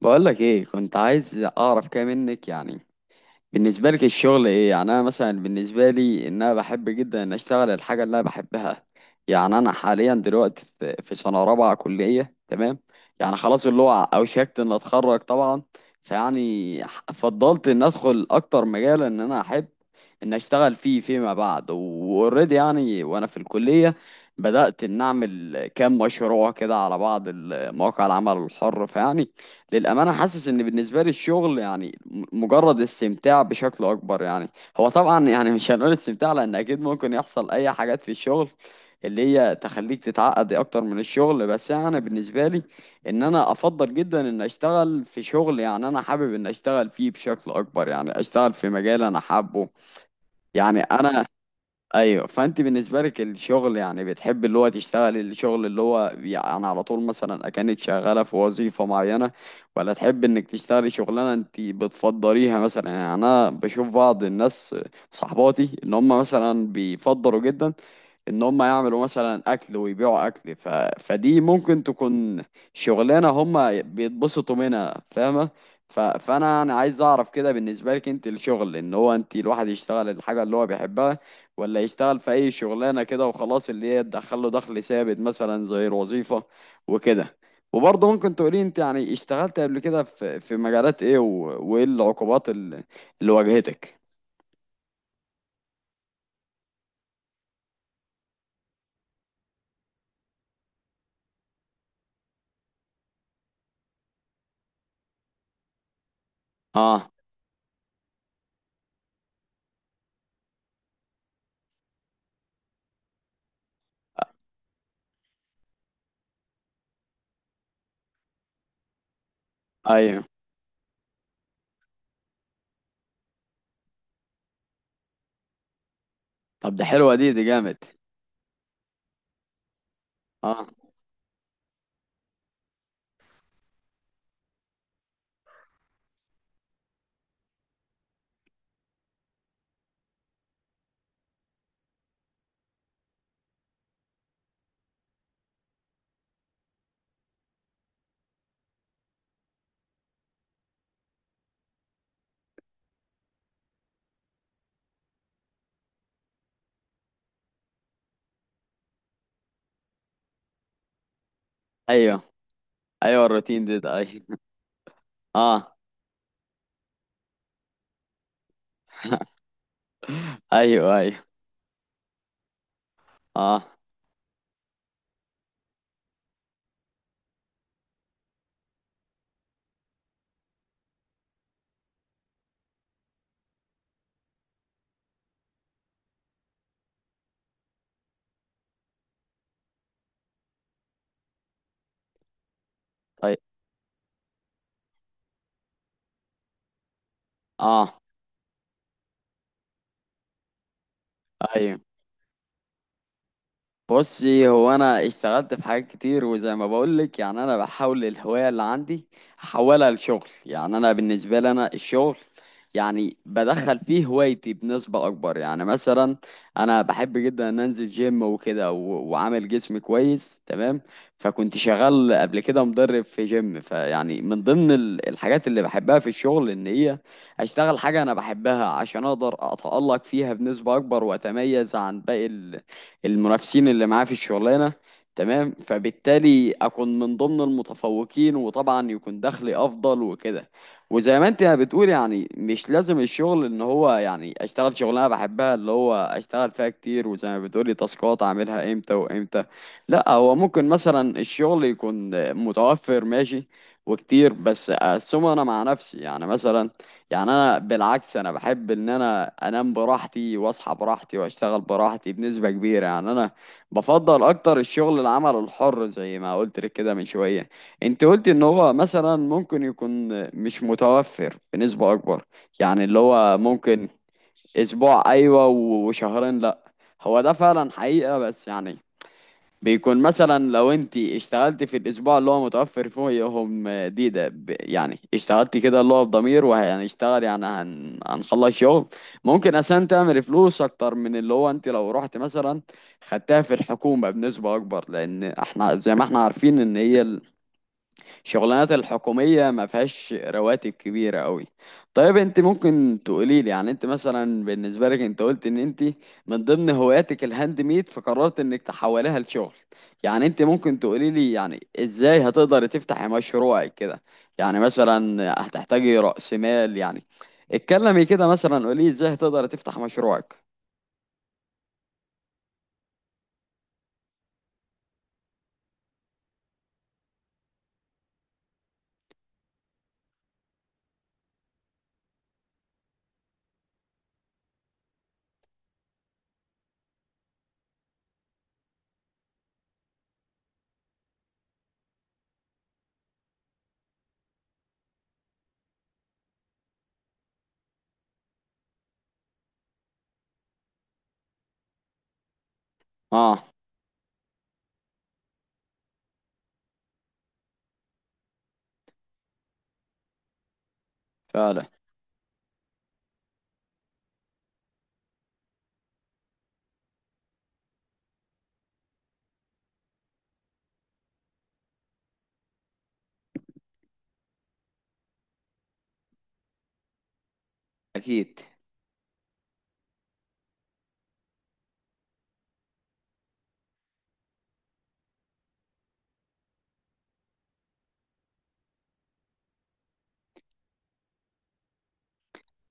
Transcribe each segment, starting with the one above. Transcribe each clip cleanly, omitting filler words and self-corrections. بقولك ايه كنت عايز اعرف كده منك يعني. بالنسبه لك الشغل ايه؟ يعني انا مثلا بالنسبه لي ان انا بحب جدا ان اشتغل الحاجه اللي انا بحبها. يعني انا حاليا دلوقتي في سنه رابعه كليه، تمام. يعني خلاص اللي هو اوشكت ان اتخرج طبعا. فيعني فضلت ان ادخل اكتر مجال ان انا احب ان اشتغل فيه فيما بعد واوريدي، يعني وانا في الكليه بدات ان اعمل كام مشروع كده على بعض مواقع العمل الحر. فيعني للأمانة حاسس إن بالنسبة لي الشغل يعني مجرد استمتاع بشكل أكبر. يعني هو طبعا يعني مش هنقول استمتاع، لأن أكيد ممكن يحصل أي حاجات في الشغل اللي هي تخليك تتعقد أكتر من الشغل. بس أنا بالنسبة لي إن أنا أفضل جدا إن أشتغل في شغل، يعني أنا حابب إن أشتغل فيه بشكل أكبر، يعني أشتغل في مجال أنا حابه. يعني أنا ايوه. فانت بالنسبه لك الشغل يعني بتحب اللي هو تشتغل الشغل اللي هو يعني على طول، مثلا اكنت شغاله في وظيفه معينه، ولا تحب انك تشتغلي شغلانه انت بتفضليها؟ مثلا يعني انا بشوف بعض الناس صحباتي ان هم مثلا بيفضلوا جدا ان هم يعملوا مثلا اكل ويبيعوا اكل. فدي ممكن تكون شغلانه هم بيتبسطوا منها، فاهمه. فانا يعني عايز اعرف كده بالنسبه لك انت، الشغل ان هو انت الواحد يشتغل الحاجه اللي هو بيحبها، ولا يشتغل في اي شغلانه كده وخلاص اللي هي تدخل له دخل ثابت مثلا زي الوظيفه وكده. وبرضه ممكن تقولي انت يعني اشتغلت قبل كده في مجالات ايه، وايه العقوبات اللي واجهتك؟ اه، ايوه. طب ده حلوه، دي جامد. اه، ايوه ايوه الروتين، ده، ايوه. اه، ايوه ايوه. اه، طيب. اه، ايوه. بصي هو انا اشتغلت في حاجات كتير، وزي ما بقولك يعني انا بحاول الهواية اللي عندي احولها لشغل. يعني انا بالنسبة لي انا الشغل يعني بدخل فيه هوايتي بنسبة اكبر. يعني مثلا انا بحب جدا ان انزل جيم وكده وعامل جسم كويس، تمام. فكنت شغال قبل كده مدرب في جيم. فيعني من ضمن الحاجات اللي بحبها في الشغل ان هي اشتغل حاجة انا بحبها عشان اقدر اتألق فيها بنسبة اكبر واتميز عن باقي المنافسين اللي معاه في الشغلانة، تمام. فبالتالي أكون من ضمن المتفوقين، وطبعا يكون دخلي أفضل وكده. وزي ما أنت بتقول يعني مش لازم الشغل إن هو يعني أشتغل شغلانة بحبها اللي هو أشتغل فيها كتير، وزي ما بتقولي تاسكات أعملها إمتى وإمتى. لا، هو ممكن مثلا الشغل يكون متوفر، ماشي وكتير، بس أقسمه أنا مع نفسي يعني مثلا. يعني انا بالعكس انا بحب ان انا انام براحتي واصحى براحتي واشتغل براحتي بنسبة كبيرة. يعني انا بفضل اكتر الشغل العمل الحر زي ما قلت لك كده من شوية. انت قلت ان هو مثلا ممكن يكون مش متوفر بنسبة اكبر، يعني اللي هو ممكن اسبوع ايوه وشهرين لا. هو ده فعلا حقيقة، بس يعني بيكون مثلا لو انت اشتغلت في الاسبوع اللي هو متوفر فيهم دي ده يعني اشتغلت كده اللي هو بضمير وهنشتغل، يعني هنخلص شغل، ممكن عشان تعمل فلوس اكتر من اللي هو انت لو رحت مثلا خدتها في الحكومة بنسبة اكبر، لان احنا زي ما احنا عارفين ان هي الشغلانات الحكومية ما فيهاش رواتب كبيرة قوي. طيب انت ممكن تقولي لي يعني انت مثلا بالنسبة لك انت قلت ان انت من ضمن هواياتك الهاند ميد، فقررت انك تحولها لشغل. يعني انت ممكن تقولي لي يعني ازاي هتقدر تفتحي مشروعك كده؟ يعني مثلا هتحتاجي رأس مال يعني؟ اتكلمي كده مثلا، قولي ازاي هتقدر تفتح مشروعك. اه. فعلا. اكيد.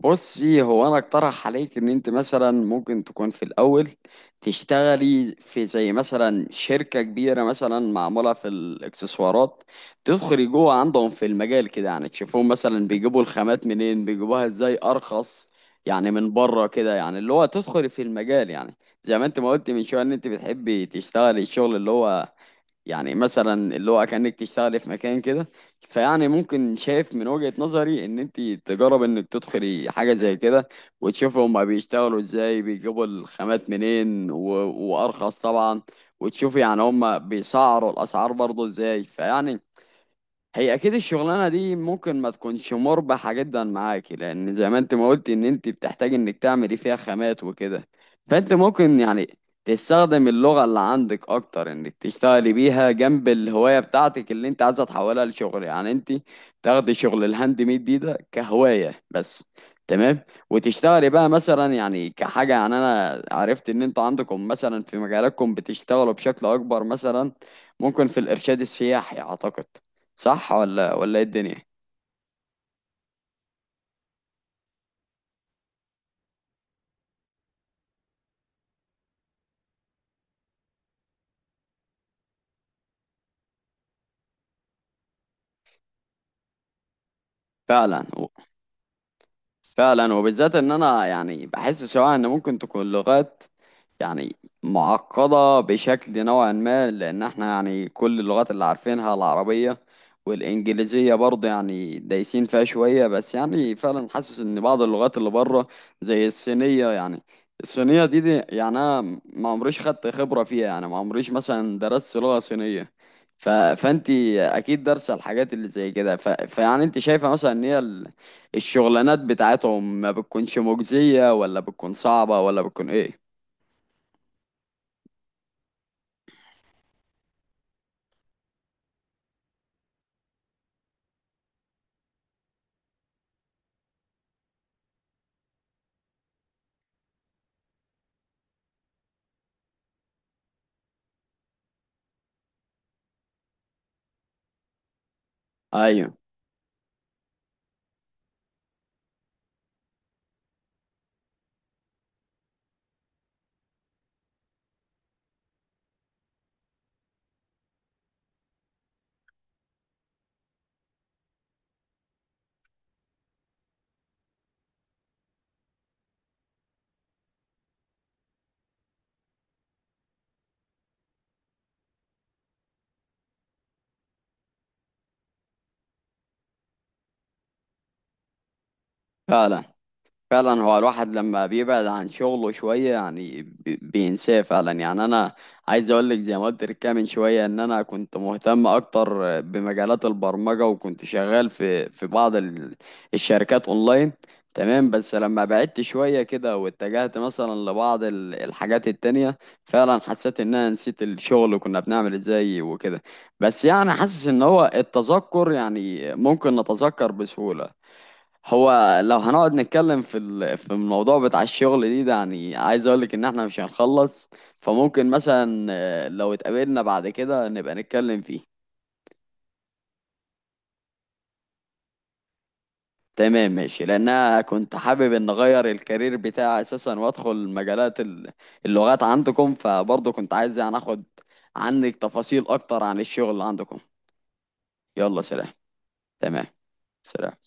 بصي هو انا اقترح عليك ان انت مثلا ممكن تكون في الاول تشتغلي في زي مثلا شركة كبيرة مثلا معمولة في الاكسسوارات. تدخلي جوه عندهم في المجال كده، يعني تشوفهم مثلا بيجيبوا الخامات منين، بيجيبوها ازاي ارخص يعني من بره كده. يعني اللي هو تدخلي في المجال يعني زي ما انت ما قلت من شوية ان انت بتحبي تشتغلي الشغل اللي هو يعني مثلا اللي هو كأنك تشتغلي في مكان كده. فيعني ممكن، شايف من وجهة نظري ان انت تجرب انك تدخلي حاجة زي كده، وتشوفي هما بيشتغلوا ازاي، بيجيبوا الخامات منين وارخص طبعا، وتشوفي يعني هما بيسعروا الاسعار برضه ازاي. فيعني هي اكيد الشغلانه دي ممكن ما تكونش مربحه جدا معاكي، لان زي ما انت ما قلت ان انت بتحتاج انك تعملي فيها خامات وكده. فانت ممكن يعني تستخدم اللغه اللي عندك اكتر انك تشتغلي بيها جنب الهوايه بتاعتك اللي انت عايزه تحولها لشغل. يعني انت تاخدي شغل الهاند ميد دي ده كهوايه بس، تمام. وتشتغلي بقى مثلا يعني كحاجه، يعني انا عرفت ان انت عندكم مثلا في مجالكم بتشتغلوا بشكل اكبر، مثلا ممكن في الارشاد السياحي اعتقد. صح، ولا ايه الدنيا؟ فعلا. فعلا وبالذات ان انا يعني بحس سواء ان ممكن تكون لغات يعني معقدة بشكل نوعا ما، لان احنا يعني كل اللغات اللي عارفينها العربية والانجليزية برضه يعني دايسين فيها شوية. بس يعني فعلا حاسس ان بعض اللغات اللي بره زي الصينية يعني، الصينية دي يعني انا ما عمريش خدت خبرة فيها، يعني ما عمريش مثلا درست لغة صينية. فانت اكيد دارسة الحاجات اللي زي كده. فيعني انت شايفة مثلا ان هي الشغلانات بتاعتهم ما بتكونش مجزية، ولا بتكون صعبة، ولا بتكون ايه؟ ايوه. فعلا. فعلا هو الواحد لما بيبعد عن شغله شوية يعني بينساه فعلا. يعني أنا عايز أقول لك زي ما قلت لك كده من شوية إن أنا كنت مهتم أكتر بمجالات البرمجة، وكنت شغال في بعض الشركات أونلاين، تمام. بس لما بعدت شوية كده واتجهت مثلا لبعض الحاجات التانية، فعلا حسيت إن أنا نسيت الشغل كنا بنعمل إزاي وكده. بس يعني حاسس إن هو التذكر يعني ممكن نتذكر بسهولة. هو لو هنقعد نتكلم في ال- في الموضوع بتاع الشغل دي ده، يعني عايز اقولك ان احنا مش هنخلص. فممكن مثلا لو اتقابلنا بعد كده نبقى نتكلم فيه. تمام، ماشي، لان انا كنت حابب ان اغير الكارير بتاعي اساسا وادخل مجالات اللغات عندكم. فبرضه كنت عايز يعني اخد عنك تفاصيل اكتر عن الشغل عندكم. يلا، سلام. تمام. سلام.